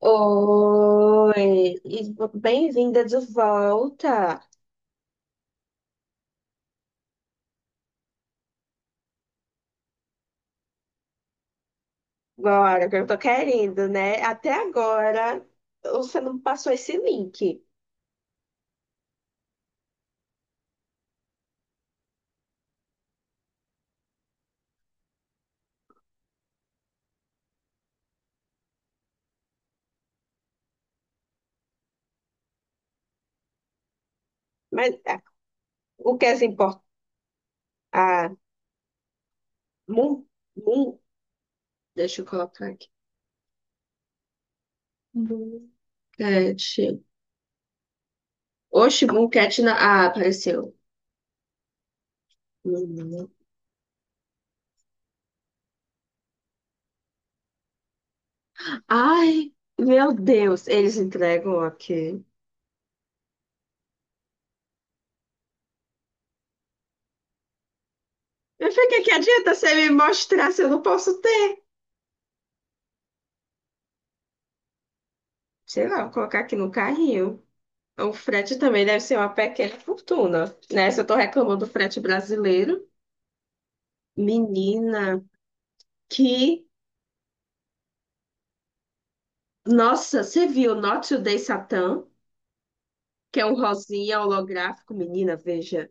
Oi, e bem-vinda de volta. Agora, que eu tô querendo, né? Até agora você não passou esse link. Mas o que é importa? Ah, Moon, Moon, deixa eu colocar aqui. Mooncat. Oxe, Mooncat na. Ah, apareceu. Uhum. Ai, meu Deus, eles entregam aqui. Eu fiquei que adianta você me mostrar se eu não posso ter? Sei lá, vou colocar aqui no carrinho. O frete também deve ser uma pequena fortuna, né? Se eu tô reclamando do frete brasileiro, menina, que. Nossa, você viu Not Today Satan, que é um rosinha holográfico, menina, veja.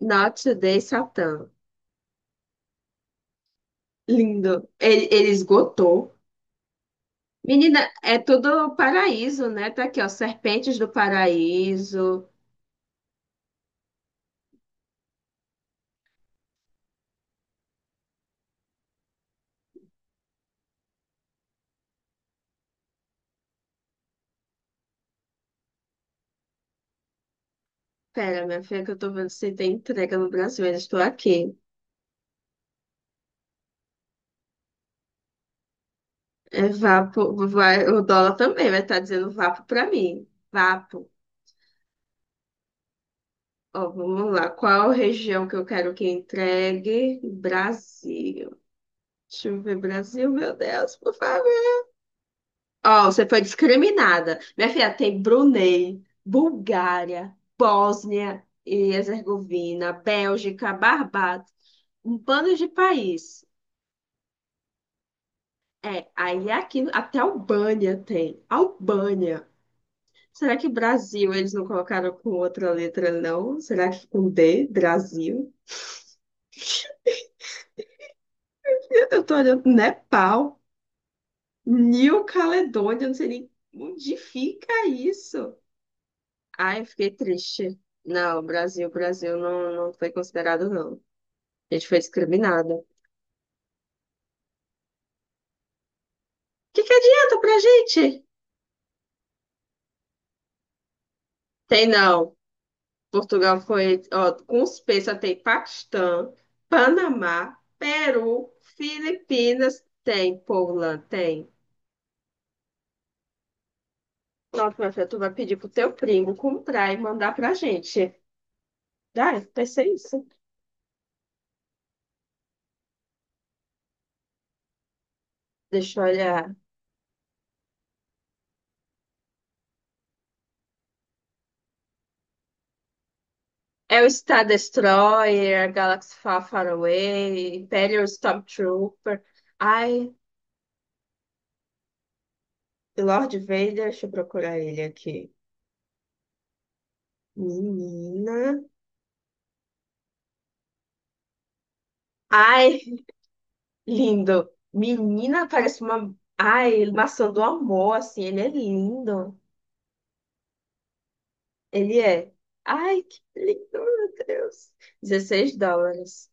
Not Today Satan. Lindo. Ele esgotou. Menina, é tudo um paraíso, né? Tá aqui, ó, Serpentes do Paraíso. Pera, minha filha, que eu tô vendo se tem entrega no Brasil, ainda estou aqui. É vapo, vai, o dólar também vai estar dizendo vapo pra mim. Vapo. Ó, vamos lá. Qual região que eu quero que entregue? Brasil. Deixa eu ver, Brasil, meu Deus, por favor. Ó, você foi discriminada. Minha filha, tem Brunei, Bulgária, Bósnia e Herzegovina, Bélgica, Barbados, um bando de país. É, aí é aqui até Albânia tem. Albânia. Será que Brasil eles não colocaram com outra letra, não? Será que com D, Brasil? Eu tô olhando Nepal. New Caledônia, eu não sei nem onde fica isso. Ai, eu fiquei triste. Não, Brasil, não foi considerado, não. A gente foi discriminada. O que que adianta pra gente? Tem não. Portugal foi, ó, com os P só tem Paquistão, Panamá, Peru, Filipinas, tem, Poland, tem. Nossa, minha filha, tu vai pedir pro teu primo comprar e mandar pra gente. Ai, pensei isso. Deixa eu olhar. É o Star Destroyer, Galaxy Far Far Away, Imperial Stormtrooper. Ai, Lord Vader, deixa eu procurar ele aqui. Menina. Ai, lindo. Menina, parece uma. Ai, maçã do amor, assim. Ele é lindo. Ele é. Ai, que lindo, meu Deus. US$ 16.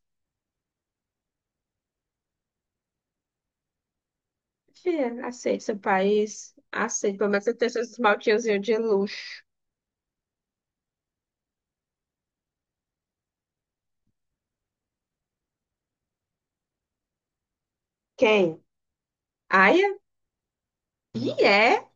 Fia, aceita seu país. Aceita. Pelo menos você tem seus esmaltinhos de luxo. Quem? Aia? E é.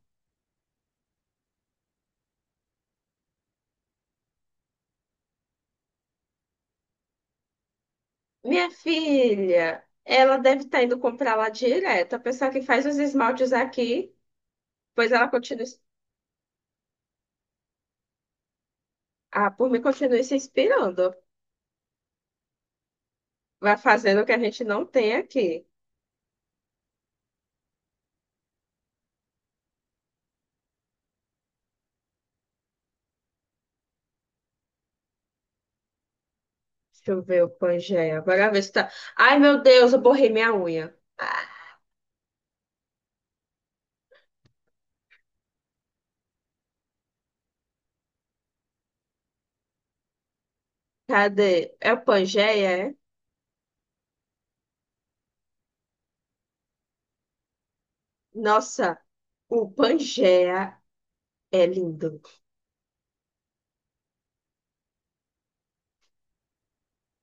Minha filha, ela deve estar indo comprar lá direto. A pessoa que faz os esmaltes aqui, pois ela continua, ah, por mim, continua se inspirando. Vai fazendo o que a gente não tem aqui. Deixa eu ver o Pangeia. Agora ver se tá. Ai, meu Deus, eu borrei minha unha. Ah, cadê? É o Pangeia, é? Nossa, o Pangeia é lindo.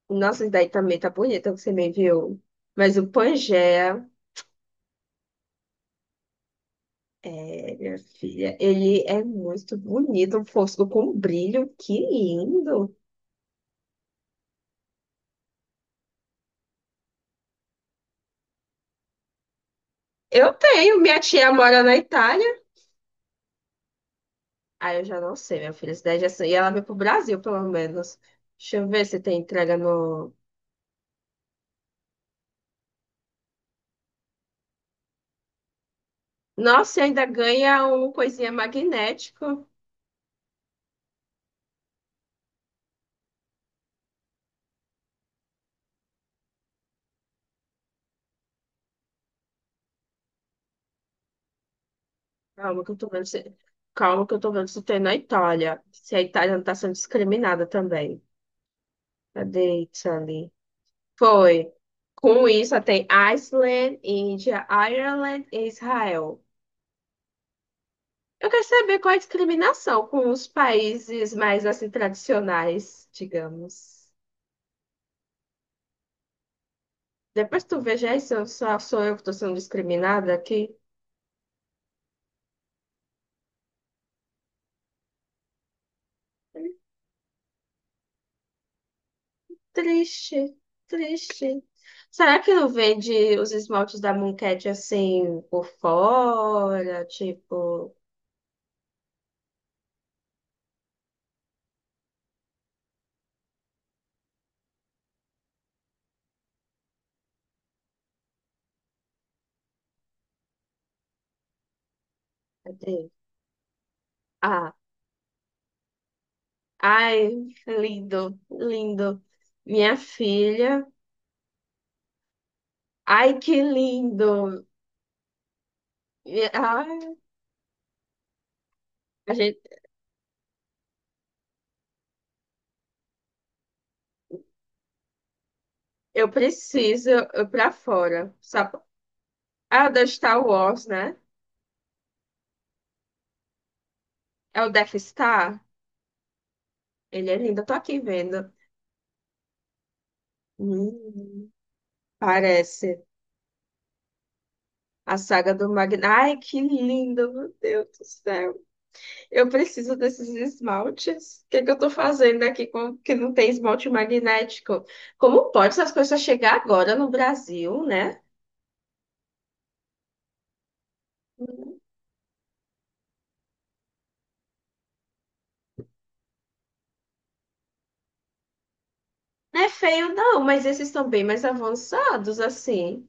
Nossa, esse daí também tá bonito que você me enviou. Mas o Pangeia. É, minha filha, ele é muito bonito, um fosco com brilho, que lindo. Eu tenho, minha tia mora na Itália. Ah, eu já não sei, minha filha, cidade é assim. E ela veio pro Brasil, pelo menos. Deixa eu ver se tem entrega no. Nossa, e ainda ganha um coisinha magnético. Calma que eu tô vendo se... Calma que eu tô vendo se tem na Itália. Se a Itália não tá sendo discriminada também. Cadê Itália? Foi. Com isso, tem Iceland, Índia, Ireland e Israel. Eu quero saber qual é a discriminação com os países mais assim tradicionais, digamos. Depois tu veja aí se eu só sou eu que estou sendo discriminada aqui. Triste, triste. Será que não vende os esmaltes da Mooncat assim por fora? Tipo, cadê? Ah, ai, lindo, lindo. Minha filha, ai que lindo. Minha- Ai, a gente eu preciso ir pra fora. Sabe? É o da Star Wars, né? É o Death Star? Ele é lindo, eu tô aqui vendo. Hum, parece. A saga do Magneto. Ai, que lindo, meu Deus do céu. Eu preciso desses esmaltes. O que que eu tô fazendo aqui com que não tem esmalte magnético? Como pode essas coisas chegar agora no Brasil, né? Não é feio, não, mas esses estão bem mais avançados, assim.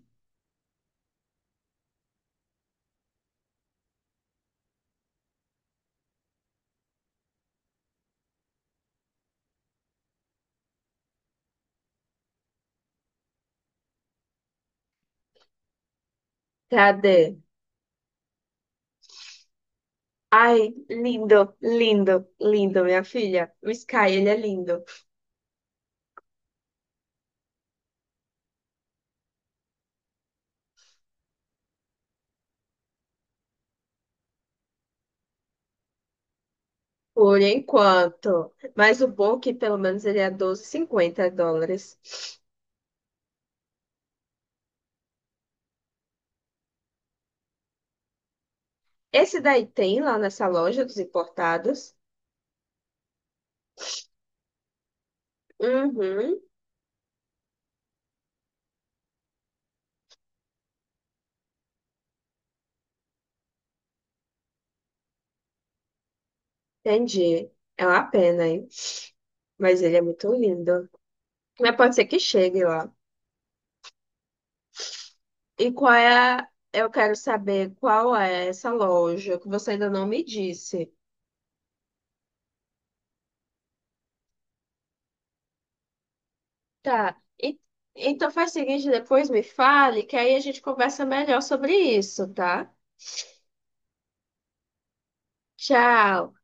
Cadê? Ai, lindo, lindo, lindo, minha filha. O Sky, ele é lindo. Por enquanto. Mas o bom é que pelo menos ele é US$ 12,50. Esse daí tem lá nessa loja dos importados. Uhum, entendi. É uma pena, hein? Mas ele é muito lindo. Mas pode ser que chegue lá. E qual é a... Eu quero saber qual é essa loja que você ainda não me disse. Tá. E- então faz o seguinte, depois me fale, que aí a gente conversa melhor sobre isso, tá? Tchau.